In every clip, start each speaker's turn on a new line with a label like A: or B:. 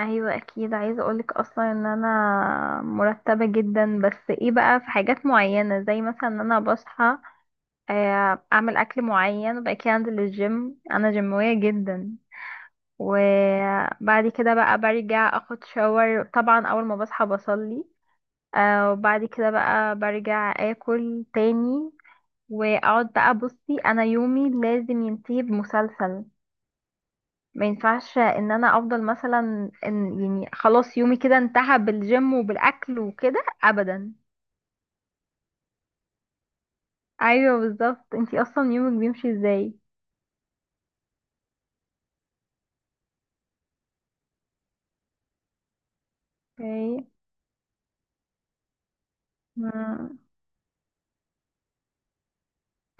A: ايوه، اكيد عايزه اقولك اصلا ان انا مرتبه جدا. بس ايه بقى، في حاجات معينه زي مثلا ان انا بصحى، اعمل اكل معين وبعد كده انزل الجيم. انا جيمويه جدا وبعد كده بقى برجع اخد شاور. طبعا اول ما بصحى بصلي، وبعد كده بقى برجع اكل تاني، واقعد بقى. بصي انا يومي لازم ينتهي بمسلسل، ما ينفعش ان انا افضل مثلا ان يعني خلاص يومي كده انتهى بالجيم وبالاكل وكده ابدا. ايوه بالظبط، انتي اصلا يومك بيمشي ازاي؟ اوكي. مم.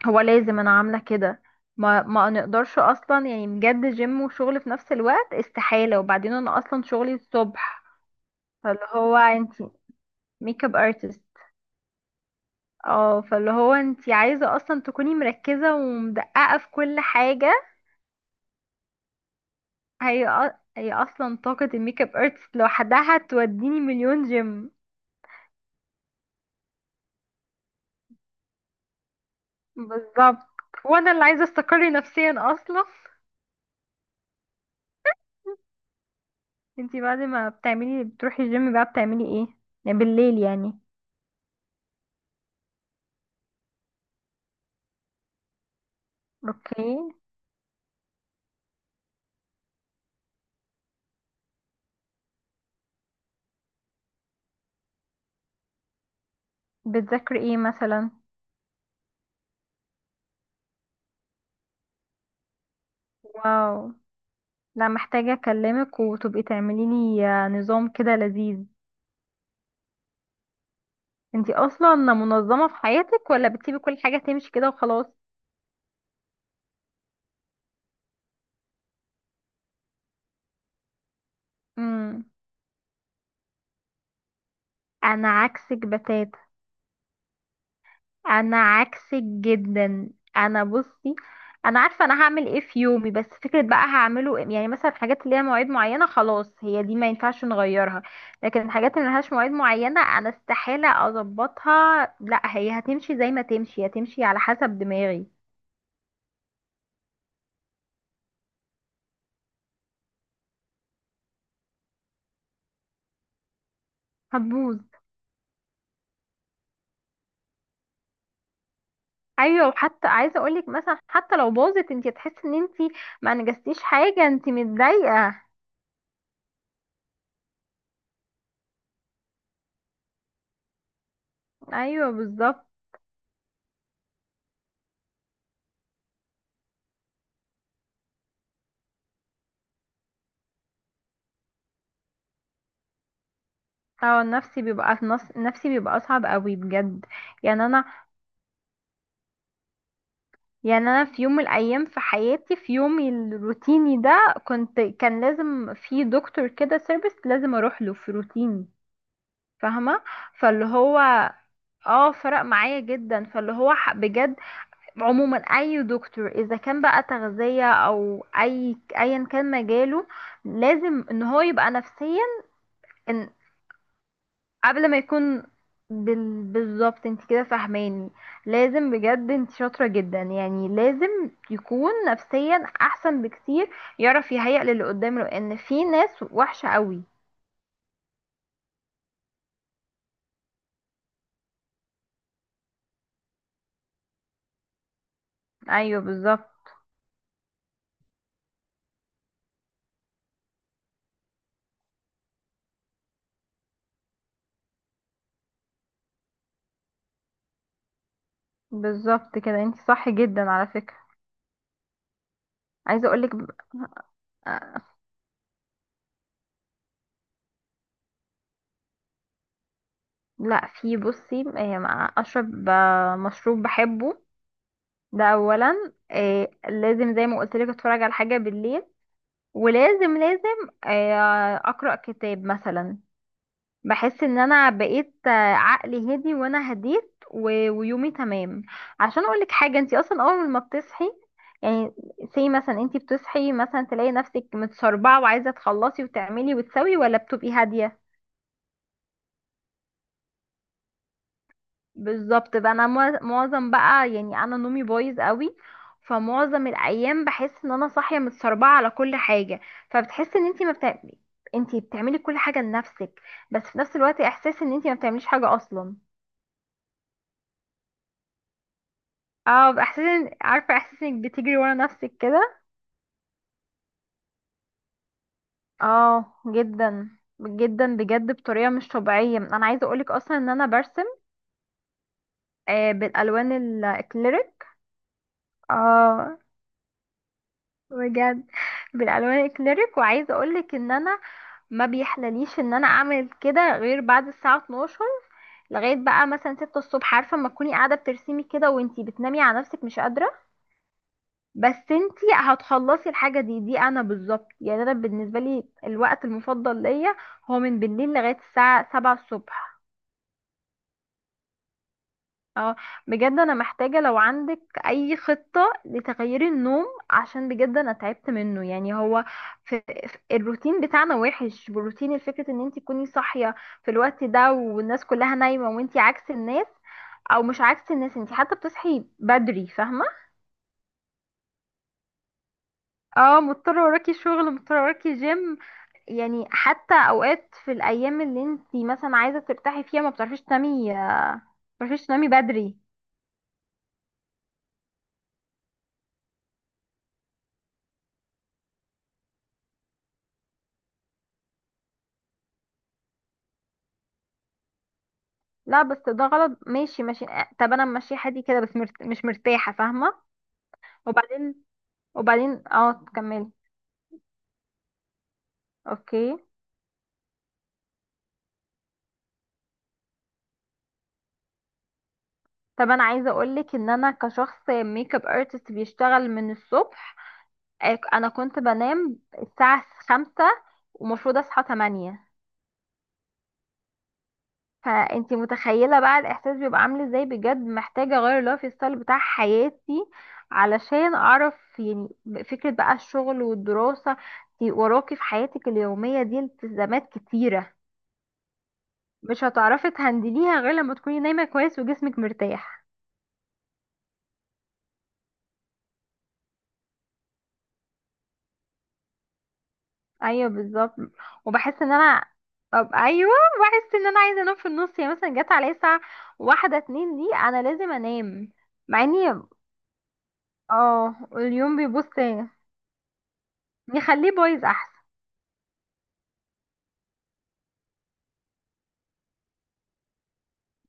A: هو لازم انا عامله كده، ما نقدرش اصلا يعني بجد جيم وشغل في نفس الوقت استحاله. وبعدين انا اصلا شغلي الصبح. فاللي هو انتي ميك اب ارتست. اه، فاللي هو انتي عايزه اصلا تكوني مركزه ومدققه في كل حاجه. هي اصلا طاقة الميك اب ارتست لوحدها توديني مليون جيم. بالظبط، وانا اللي عايزة استقري نفسيا اصلا. انتي بعد ما بتعملي بتروحي الجيم بقى بتعملي ايه؟ يعني بالليل يعني. اوكي. بتذاكري ايه مثلا؟ واو، لا محتاجة اكلمك وتبقي تعملي لي نظام كده لذيذ. انتي اصلا منظمة في حياتك ولا بتسيبي كل حاجة تمشي كده وخلاص؟ امم، انا عكسك بتاتا، انا عكسك جدا. انا بصي، انا عارفه انا هعمل ايه في يومي، بس فكره بقى هعمله يعني مثلا الحاجات اللي ليها مواعيد معينه خلاص هي دي ما ينفعش نغيرها، لكن الحاجات اللي ملهاش مواعيد معينه انا استحاله اظبطها. لا هي هتمشي زي ما تمشي، هتمشي على حسب دماغي. هتبوظ. ايوه، وحتى عايزه اقولك مثلا حتى لو باظت انت هتحسي ان انت ما انجزتيش حاجه انت متضايقه. ايوه بالظبط. اه النفسي بيبقى، نفسي بيبقى صعب قوي بجد. يعني انا، يعني انا في يوم من الايام في حياتي في يومي الروتيني ده كنت، كان لازم في دكتور كده سيرفيس لازم اروح له في روتيني. فاهمه. فاللي هو، اه فرق معايا جدا. فاللي هو بجد عموما اي دكتور اذا كان بقى تغذيه او اي ايا كان مجاله لازم ان هو يبقى نفسيا. قبل ما يكون بالظبط انت كده فاهماني. لازم بجد، انت شاطرة جدا، يعني لازم يكون نفسيا احسن بكتير، يعرف يهيأ للي قدامه لان في ناس وحشة قوي. ايوه بالظبط. بالظبط كده، انت صح جدا على فكرة. عايزة اقولك. لا في، بصي اشرب مشروب بحبه، ده اولا. لازم زي ما قلت لك اتفرج على حاجة بالليل، ولازم لازم، اقرأ كتاب مثلا. بحس ان انا بقيت عقلي هدي وانا هديت. ويومي تمام. عشان اقولك حاجه، انت اصلا اول ما بتصحي يعني، سي مثلا انت بتصحي مثلا تلاقي نفسك متسربعه وعايزه تخلصي وتعملي وتسوي، ولا بتبقي هاديه؟ بالظبط بقى. انا معظم بقى، يعني انا نومي بايظ قوي، فمعظم الايام بحس ان انا صاحيه متسربعه على كل حاجه. فبتحسي ان انت ما بتعملي، انت بتعملي كل حاجه لنفسك بس في نفس الوقت احساس ان انت ما بتعمليش حاجه اصلا. اه باحساس عارفه احساس انك بتجري ورا نفسك كده. اه جدا، جدا بجد بطريقه مش طبيعيه. انا عايزه اقولك اصلا ان انا برسم، آه بالالوان الاكليريك. اه بجد بالالوان الاكليريك. وعايزه اقولك ان انا ما بيحلليش ان انا اعمل كده غير بعد الساعه 12 لغايه بقى مثلا 6 الصبح. عارفه اما تكوني قاعده بترسمي كده وانتي بتنامي على نفسك مش قادره، بس انتي هتخلصي الحاجة دي. دي انا بالظبط، يعني انا بالنسبة لي الوقت المفضل ليا هو من بالليل لغاية الساعة سبعة الصبح. اه بجد، انا محتاجة لو عندك اي خطة لتغيير النوم، عشان بجد انا تعبت منه. يعني هو في، الروتين بتاعنا وحش. بروتين، الفكرة ان انتي تكوني صاحية في الوقت ده والناس كلها نايمة، وانتي عكس الناس، او مش عكس الناس، انتي حتى بتصحي بدري فاهمة. اه مضطرة، وراكي شغل، مضطرة وراكي جيم. يعني حتى اوقات في الايام اللي انت مثلا عايزه ترتاحي فيها ما بتعرفيش تنامي، ما بتعرفيش تنامي بدري. لا بس ده غلط. ماشي ماشي، طب انا ماشيه حدي كده بس مش مرتاحه، فاهمه. وبعدين، وبعدين اه كملي. اوكي. طب انا عايزه اقولك ان انا كشخص ميك اب ارتست بيشتغل من الصبح، انا كنت بنام الساعه خمسة ومفروض اصحى تمانية. فانتي متخيله بقى الاحساس بيبقى عامل ازاي. بجد محتاجه اغير اللايف ستايل بتاع حياتي علشان اعرف يعني، فكره بقى الشغل والدراسه. انتي وراكي في حياتك اليوميه دي التزامات كتيره، مش هتعرفي تهندليها غير لما تكوني نايمه كويس وجسمك مرتاح. ايوه بالظبط. وبحس ان انا، طب ايوه بحس ان انا عايزه انام في النص. يعني مثلا جت عليا الساعه واحدة اتنين دي انا لازم انام. مع اني اه اليوم بيبص، نخليه بايظ احسن.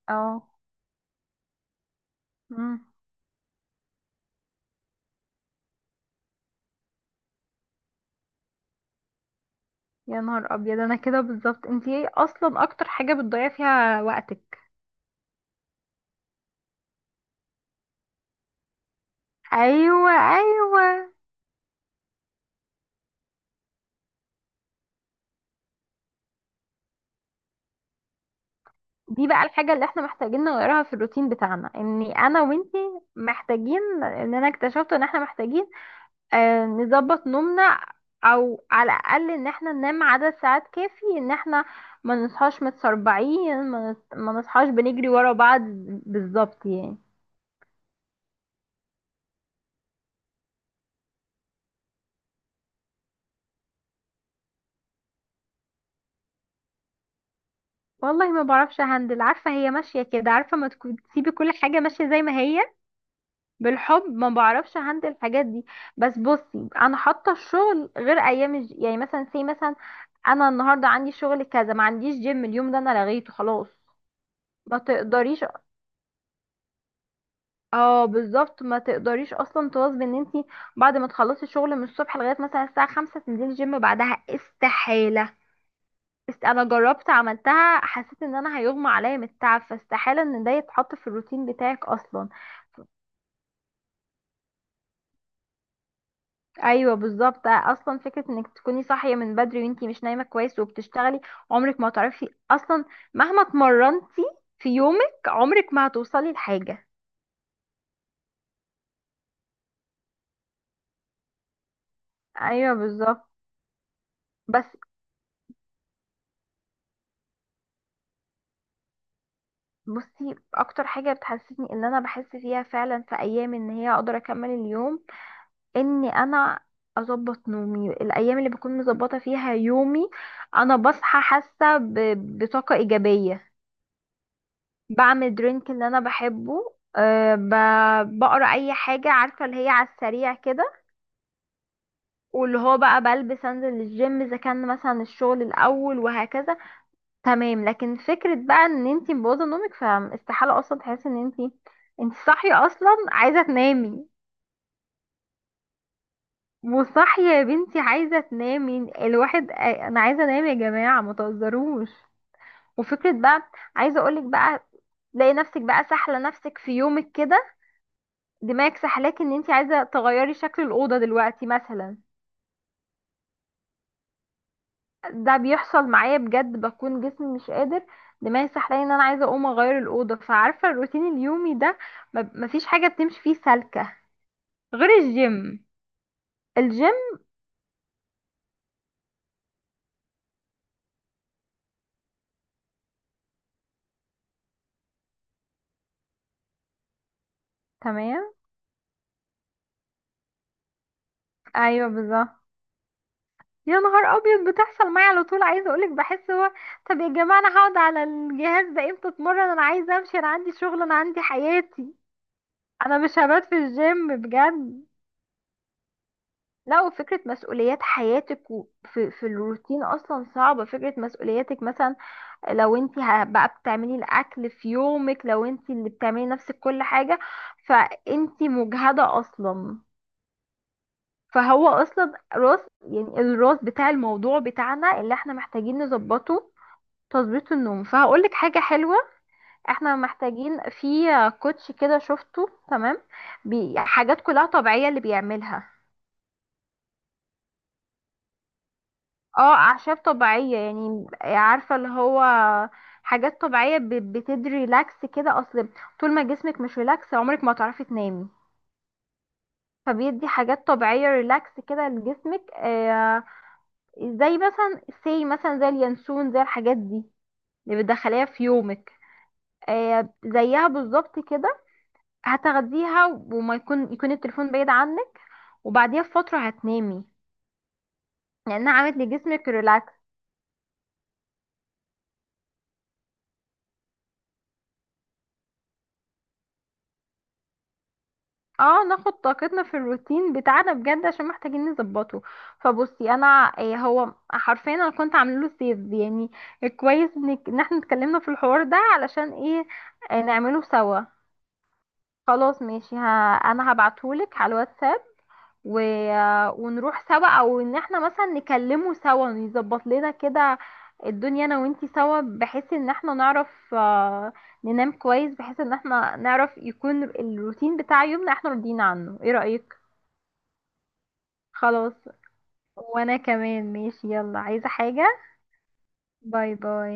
A: اه. مم. يا نهار ابيض انا كده بالظبط. انتي ايه اصلا اكتر حاجه بتضيع فيها وقتك؟ ايوه ايوه. دي بقى الحاجه اللي احنا محتاجين نغيرها في الروتين بتاعنا، اني انا وانتي محتاجين. ان انا اكتشفت ان احنا محتاجين آه نظبط نومنا، او على الاقل ان احنا ننام عدد ساعات كافي، ان احنا ما نصحاش متسربعين، ما نصحاش بنجري ورا بعض، بالظبط يعني. والله ما بعرفش هندل، عارفة هي ماشية كده. عارفة، ما تكون تسيبي كل حاجة ماشية زي ما هي. بالحب، ما بعرفش هندل الحاجات دي. بس بصي انا حاطة الشغل غير ايام يعني مثلا، سي مثلا انا النهاردة عندي شغل كذا، ما عنديش جيم اليوم ده، انا لغيته خلاص. ما تقدريش، اه بالظبط ما تقدريش اصلا تواظبي ان انتي بعد ما تخلصي الشغل من الصبح لغاية مثلا الساعة خمسة تنزلي جيم بعدها، استحالة. انا جربت عملتها، حسيت ان انا هيغمى عليا من التعب، فاستحالة ان ده يتحط في الروتين بتاعك اصلا. ايوه بالظبط، اصلا فكرة انك تكوني صاحية من بدري وانتي مش نايمة كويس وبتشتغلي، عمرك ما هتعرفي اصلا، مهما اتمرنتي في يومك عمرك ما هتوصلي لحاجة. ايوه بالظبط. بس بصي اكتر حاجة بتحسسني ان انا بحس فيها فعلا في ايام ان هي اقدر اكمل اليوم، اني انا اظبط نومي. الايام اللي بكون مظبطه فيها يومي انا بصحى حاسه بطاقه ايجابيه، بعمل درينك اللي انا بحبه، أه بقرا اي حاجه، عارفه اللي هي على السريع كده، واللي هو بقى بلبس انزل الجيم اذا كان مثلا الشغل الاول، وهكذا. تمام، لكن فكره بقى ان انتي مبوظه نومك، فاستحاله اصلا تحسي ان انتي، انتي صاحيه اصلا عايزه تنامي. وصح يا بنتي، عايزة تنامي الواحد. انا عايزة انام يا جماعة، ما تهزروش. وفكرة بقى، عايزة اقولك بقى، تلاقي نفسك بقى سحلة نفسك في يومك كده. دماغك سحلاك ان انت عايزة تغيري شكل الأوضة دلوقتي مثلا. ده بيحصل معايا بجد، بكون جسمي مش قادر، دماغي سحلاني ان انا عايزة اقوم اغير الأوضة. فعارفة الروتين اليومي ده، مفيش حاجة بتمشي فيه سالكة غير الجيم. الجيم، تمام. ايوه بالظبط. يا نهار ابيض بتحصل معايا على طول. عايزه اقولك بحس هو، طب يا جماعه انا هقعد على الجهاز ده امتى؟ اتمرن انا عايزه امشي، انا عندي شغل، انا عندي حياتي، انا مش هبات في الجيم بجد. لا، وفكرة مسؤوليات حياتك وفي في الروتين أصلا صعبة. فكرة مسؤولياتك مثلا، لو انت بقى بتعملي الأكل في يومك، لو انت اللي بتعملي نفسك كل حاجة، فانت مجهدة أصلا. فهو أصلا راس، يعني الراس بتاع الموضوع بتاعنا اللي احنا محتاجين نظبطه. تظبيط النوم، فهقول لك حاجه حلوه. احنا محتاجين في كوتش كده شفته، تمام، بي حاجات كلها طبيعيه اللي بيعملها. اه اعشاب طبيعيه، يعني عارفه اللي هو حاجات طبيعيه بتدي ريلاكس كده. اصل طول ما جسمك مش ريلاكس عمرك ما هتعرفي تنامي. فبيدي حاجات طبيعيه ريلاكس كده لجسمك، زي مثلا سي مثلا زي اليانسون، زي الحاجات دي اللي بتدخليها في يومك. زيها بالظبط كده. هتاخديها وما يكون، يكون التليفون بعيد عنك، وبعديها بفترة هتنامي، لأنها عملت لجسمك ريلاكس. اه، ناخد طاقتنا في الروتين بتاعنا، بجد عشان محتاجين نظبطه. فبصي انا إيه، هو حرفيا انا كنت عامله له سيف يعني. كويس انك، ان احنا اتكلمنا في الحوار ده علشان ايه. نعمله سوا، خلاص ماشي. ها انا هبعتهولك على الواتساب، و... ونروح سوا، او ان احنا مثلا نكلمه سوا، نظبط لنا كده الدنيا انا وانتي سوا، بحيث ان احنا نعرف، آه، ننام كويس، بحيث ان احنا نعرف يكون الروتين بتاع يومنا احنا راضيين عنه. ايه رأيك؟ خلاص. وانا كمان ماشي، يلا عايزة حاجة؟ باي باي.